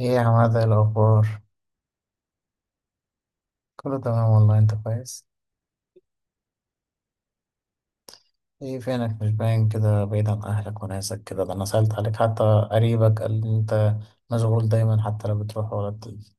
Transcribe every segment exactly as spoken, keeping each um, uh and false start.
ايه يا عماد، إيه الأخبار؟ كله تمام والله، انت كويس؟ ايه فينك؟ مش باين كده، بعيد عن أهلك وناسك كده. ده أنا سألت عليك حتى. قريبك قال لي انت مشغول دايما، حتى لو بتروح ولا بتيجي.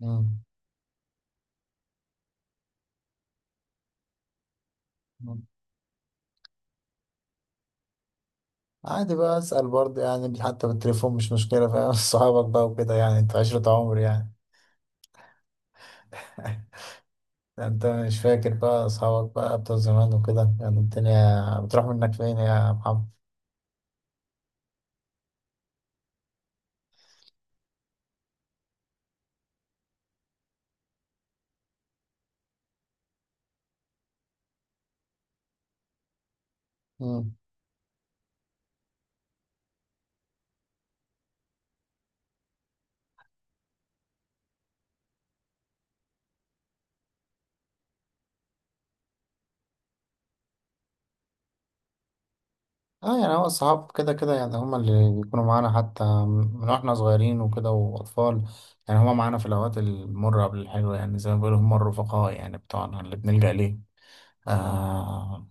مم. مم. عادي بقى أسأل برضه يعني، حتى بالتليفون مش مشكلة، فاهم؟ صحابك بقى وكده، يعني انت عشرة عمر يعني. ده انت مش فاكر بقى أصحابك بقى بتوع زمان وكده؟ يعني الدنيا بتروح منك فين يا محمد؟ اه، يعني هو الصحاب كده كده، يعني هما اللي بيكونوا معانا حتى من واحنا صغيرين وكده واطفال. يعني هما معانا في الاوقات المرة قبل الحلوة، يعني زي ما بيقولوا هما الرفقاء يعني بتوعنا اللي بنلجأ ليه. آه.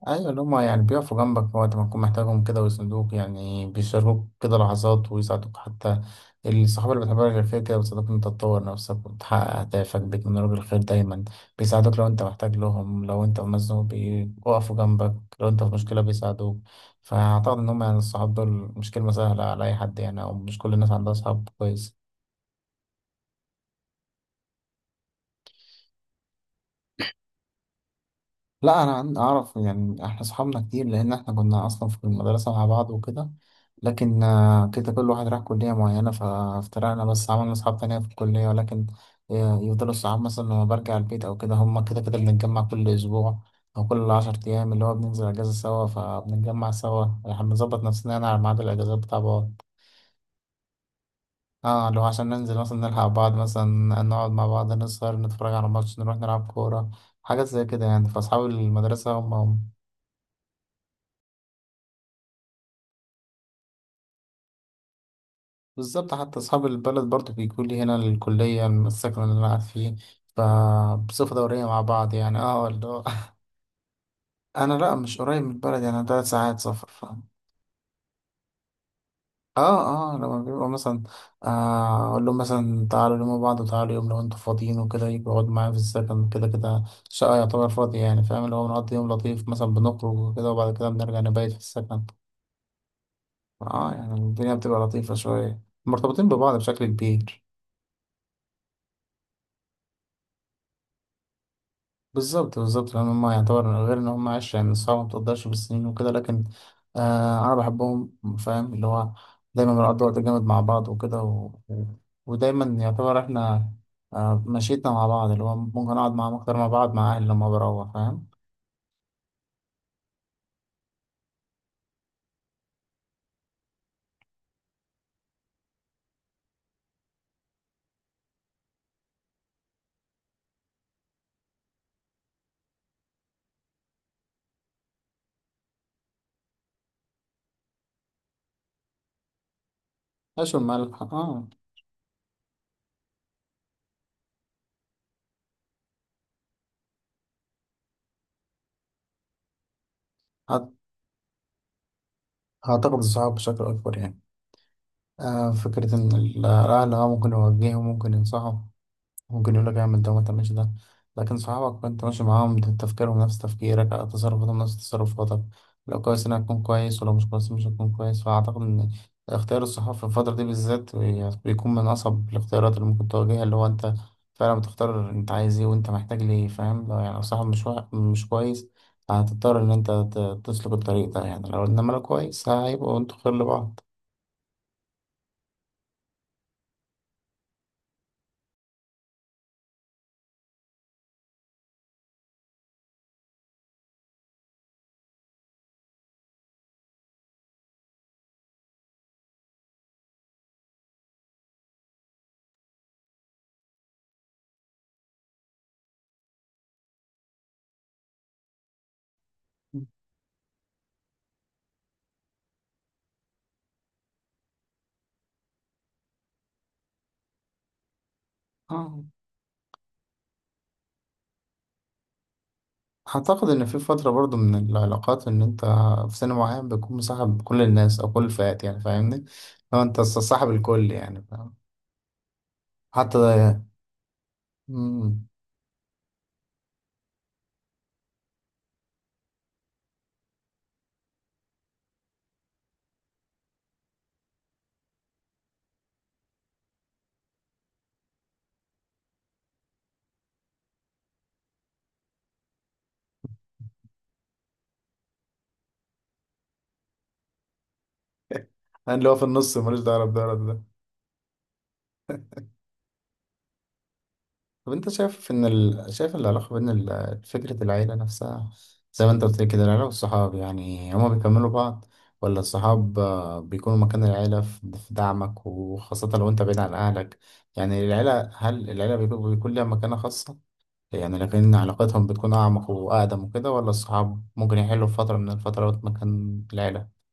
ايوه، اللي هما يعني بيقفوا جنبك في وقت ما تكون محتاجهم كده، ويسندوك، يعني بيشاركوك كده لحظات ويساعدوك حتى. الصحاب اللي بتحبها غير، فيك كده بيساعدوك إن انت تطور نفسك وتحقق اهدافك، بيتمنى لك الخير دايما. بيساعدوك لو انت محتاج لهم، لو انت مزنوق بيقفوا جنبك. لو انت في مشكلة بيساعدوك. فاعتقد ان هما يعني الصحاب دول مش كلمة سهلة على اي حد يعني، او مش كل الناس عندها صحاب كويس. لا، انا عن- اعرف يعني، احنا صحابنا كتير، لان احنا كنا اصلا في المدرسه مع بعض وكده. لكن آه، كده كل واحد راح كليه معينه، فافترقنا، بس عملنا اصحاب تانية في الكليه. ولكن آه، يفضلوا الصحاب، مثلا لما برجع البيت او كده، هما كده كده بنتجمع كل اسبوع او كل عشر ايام، اللي هو بننزل اجازه سوا، فبنتجمع سوا. احنا بنظبط نفسنا يعني على ميعاد الاجازات بتاع بعض. اه، لو عشان ننزل مثلا نلحق بعض، مثلا نقعد مع بعض، نسهر، نتفرج على ماتش، نروح نلعب كوره، حاجات زي كده يعني. فأصحاب المدرسة هم. بالظبط، حتى أصحاب البلد برضو بيجوا لي هنا الكلية، السكن اللي أنا قاعد فيه، فبصفة دورية مع بعض يعني، اه اللي هو. أنا لأ، مش قريب من البلد يعني، تلات ساعات سفر ف. اه اه، لما بيبقوا مثلا آه أقول لهم مثلا تعالوا يوم بعض، وتعالوا يوم لو أنتوا فاضيين وكده، يجوا يقعدوا معايا في السكن. كده كده الشقة يعتبر فاضية يعني، فاهم؟ اللي هو بنقضي يوم لطيف مثلا، بنخرج وكده، وبعد كده بنرجع نبيت في السكن. اه، يعني الدنيا بتبقى لطيفة شوية، مرتبطين ببعض بشكل كبير. بالظبط بالظبط، لان هم يعتبر غير ان هم عشرة يعني صعب، ما تقدرش بالسنين وكده. لكن آه انا بحبهم، فاهم اللي هو؟ دايما بنقضي وقت جامد مع بعض وكده و... و- ودايما يعتبر احنا آه مشيتنا مع بعض، اللي هو ممكن اقعد معاهم اكتر ما بقعد مع اهلي لما بروح، فاهم؟ عشان مال اه. هت- هعتقد الصحاب بشكل اكبر يعني. آه فكرة ان ال- الاهل اه ممكن يوجههم، ممكن ينصحوا، ممكن يقول لك اعمل ده وما تعملش ده. لكن صحابك انت ماشي معاهم ده، تفكيرهم نفس تفكيرك، تصرفاتهم نفس تصرفاتك. لو كويس انا هتكون كويس، ولو مش كويس مش هتكون كويس. فاعتقد ان اختيار الصحاب في الفترة دي بالذات بيكون من اصعب الاختيارات اللي ممكن تواجهها، اللي هو انت فعلا بتختار انت عايز ايه وانت محتاج ليه، فاهم؟ لو يعني لو صاحب مش وا- مش كويس، هتضطر ان انت ت- تسلك الطريق ده يعني. لو انما لو كويس هيبقوا انتوا خير لبعض. اه. أعتقد إن في فترة برضو من العلاقات، إن أنت في سن معين بتكون مصاحب كل الناس أو كل الفئات يعني، فاهمني؟ لو أنت صاحب الكل يعني، فاهم؟ حتى ده يعني. مم. اللي هو في النص ملوش دعوة بده ولا ده. طب أنت شايف إن ال... شايف العلاقة بين ال... فكرة العيلة نفسها، زي ما أنت قلت لي كده، العيلة والصحاب يعني هما بيكملوا بعض، ولا الصحاب آه، بيكونوا مكان العيلة في في دعمك، وخاصة لو أنت بعيد عن أهلك؟ يعني العيلة، هل العيلة بيكون بيكون ليها مكانة خاصة؟ يعني لكن علاقتهم بتكون أعمق وأقدم وكده، ولا الصحاب ممكن يحلوا في فترة من الفترات مكان العيلة؟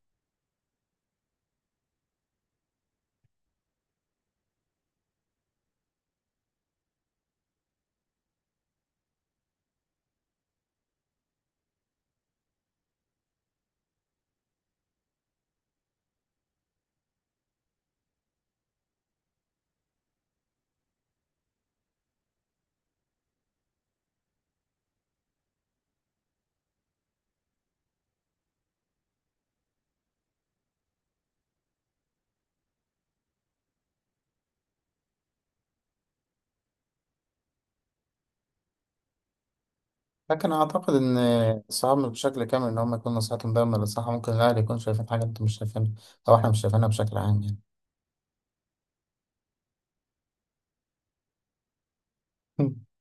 لكن أعتقد إن الصحاب مش بشكل كامل إن هم يكون نصيحتهم دايما للصح، ممكن الأهل يكون شايفين حاجة أنت مش شايفينها، أو إحنا مش شايفينها بشكل عام يعني.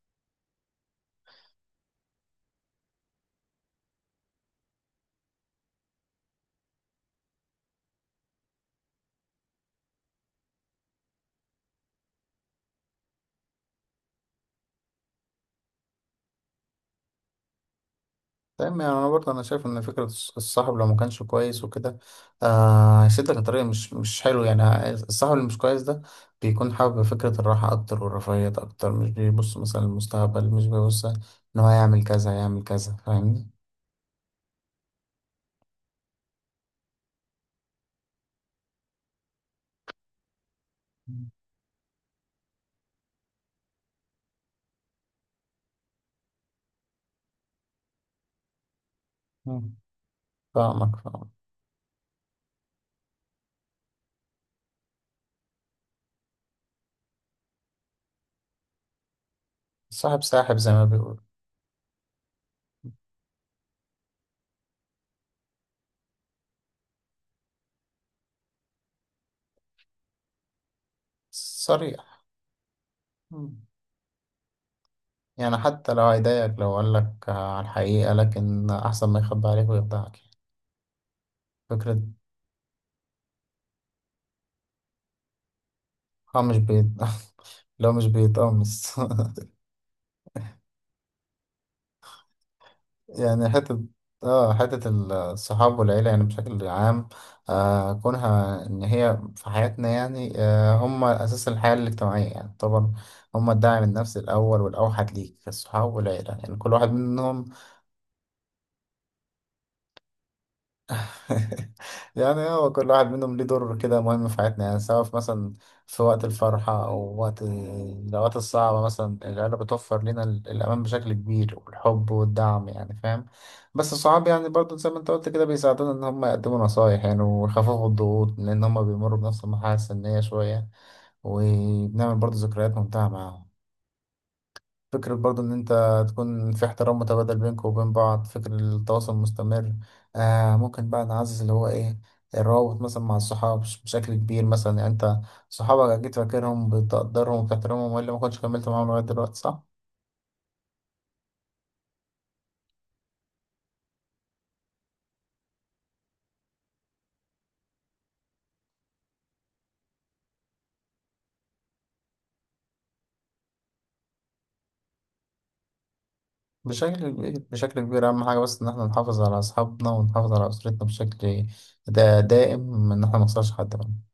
تمام، يعني أنا برضه أنا شايف إن فكرة الصاحب لو ما كانش كويس وكده آه، هيسدك لطريق مش مش حلو يعني. الصاحب اللي مش كويس ده بيكون حابب فكرة الراحة أكتر والرفاهية أكتر، مش بيبص مثلا للمستقبل، مش بيبص إن هو يعمل كذا يعمل كذا، فاهمني؟ مم. فاهمك فاهمك. صاحب ساحب زي ما بيقول. صريح. مم. يعني حتى لو هيضايقك لو قال لك آه، على الحقيقة، لكن أحسن ما يخبي عليك ويخدعك يعني. فكرة. اه مش بيت. لو مش بيتقمص. يعني حتة. اه حتة. الصحاب والعيلة يعني بشكل عام، آه كونها إن هي في حياتنا يعني، آه هم أساس الحياة الاجتماعية يعني طبعا. هم الداعم النفسي الأول والأوحد ليك، الصحاب والعيلة يعني كل واحد منهم. يعني هو كل واحد منهم ليه دور كده مهم في حياتنا، يعني سواء في مثلا في وقت الفرحة أو وقت الأوقات الصعبة. مثلا العيلة بتوفر لنا ال- الأمان بشكل كبير، والحب والدعم يعني، فاهم؟ بس الصحاب يعني برضو زي ما أنت قلت كده بيساعدونا إن هم يقدموا نصايح يعني، ويخففوا الضغوط، لأن هم بيمروا بنفس المرحلة السنية شوية، وبنعمل برضو ذكريات ممتعة معاهم. فكرة برضو إن أنت تكون في احترام متبادل بينك وبين بعض، فكرة التواصل المستمر آه ممكن بقى نعزز اللي هو إيه، الروابط مثلا مع الصحاب بش- بشكل كبير مثلا. يعني أنت صحابك أكيد فاكرهم، بتقدرهم وبتحترمهم، وإلا ما كنتش كملت معاهم لغاية دلوقتي، صح؟ بشكل كبير بشكل كبير. أهم حاجة بس إن إحنا نحافظ على أصحابنا ونحافظ على أسرتنا بشكل دا دائم، إن إحنا منخسرش حد منهم.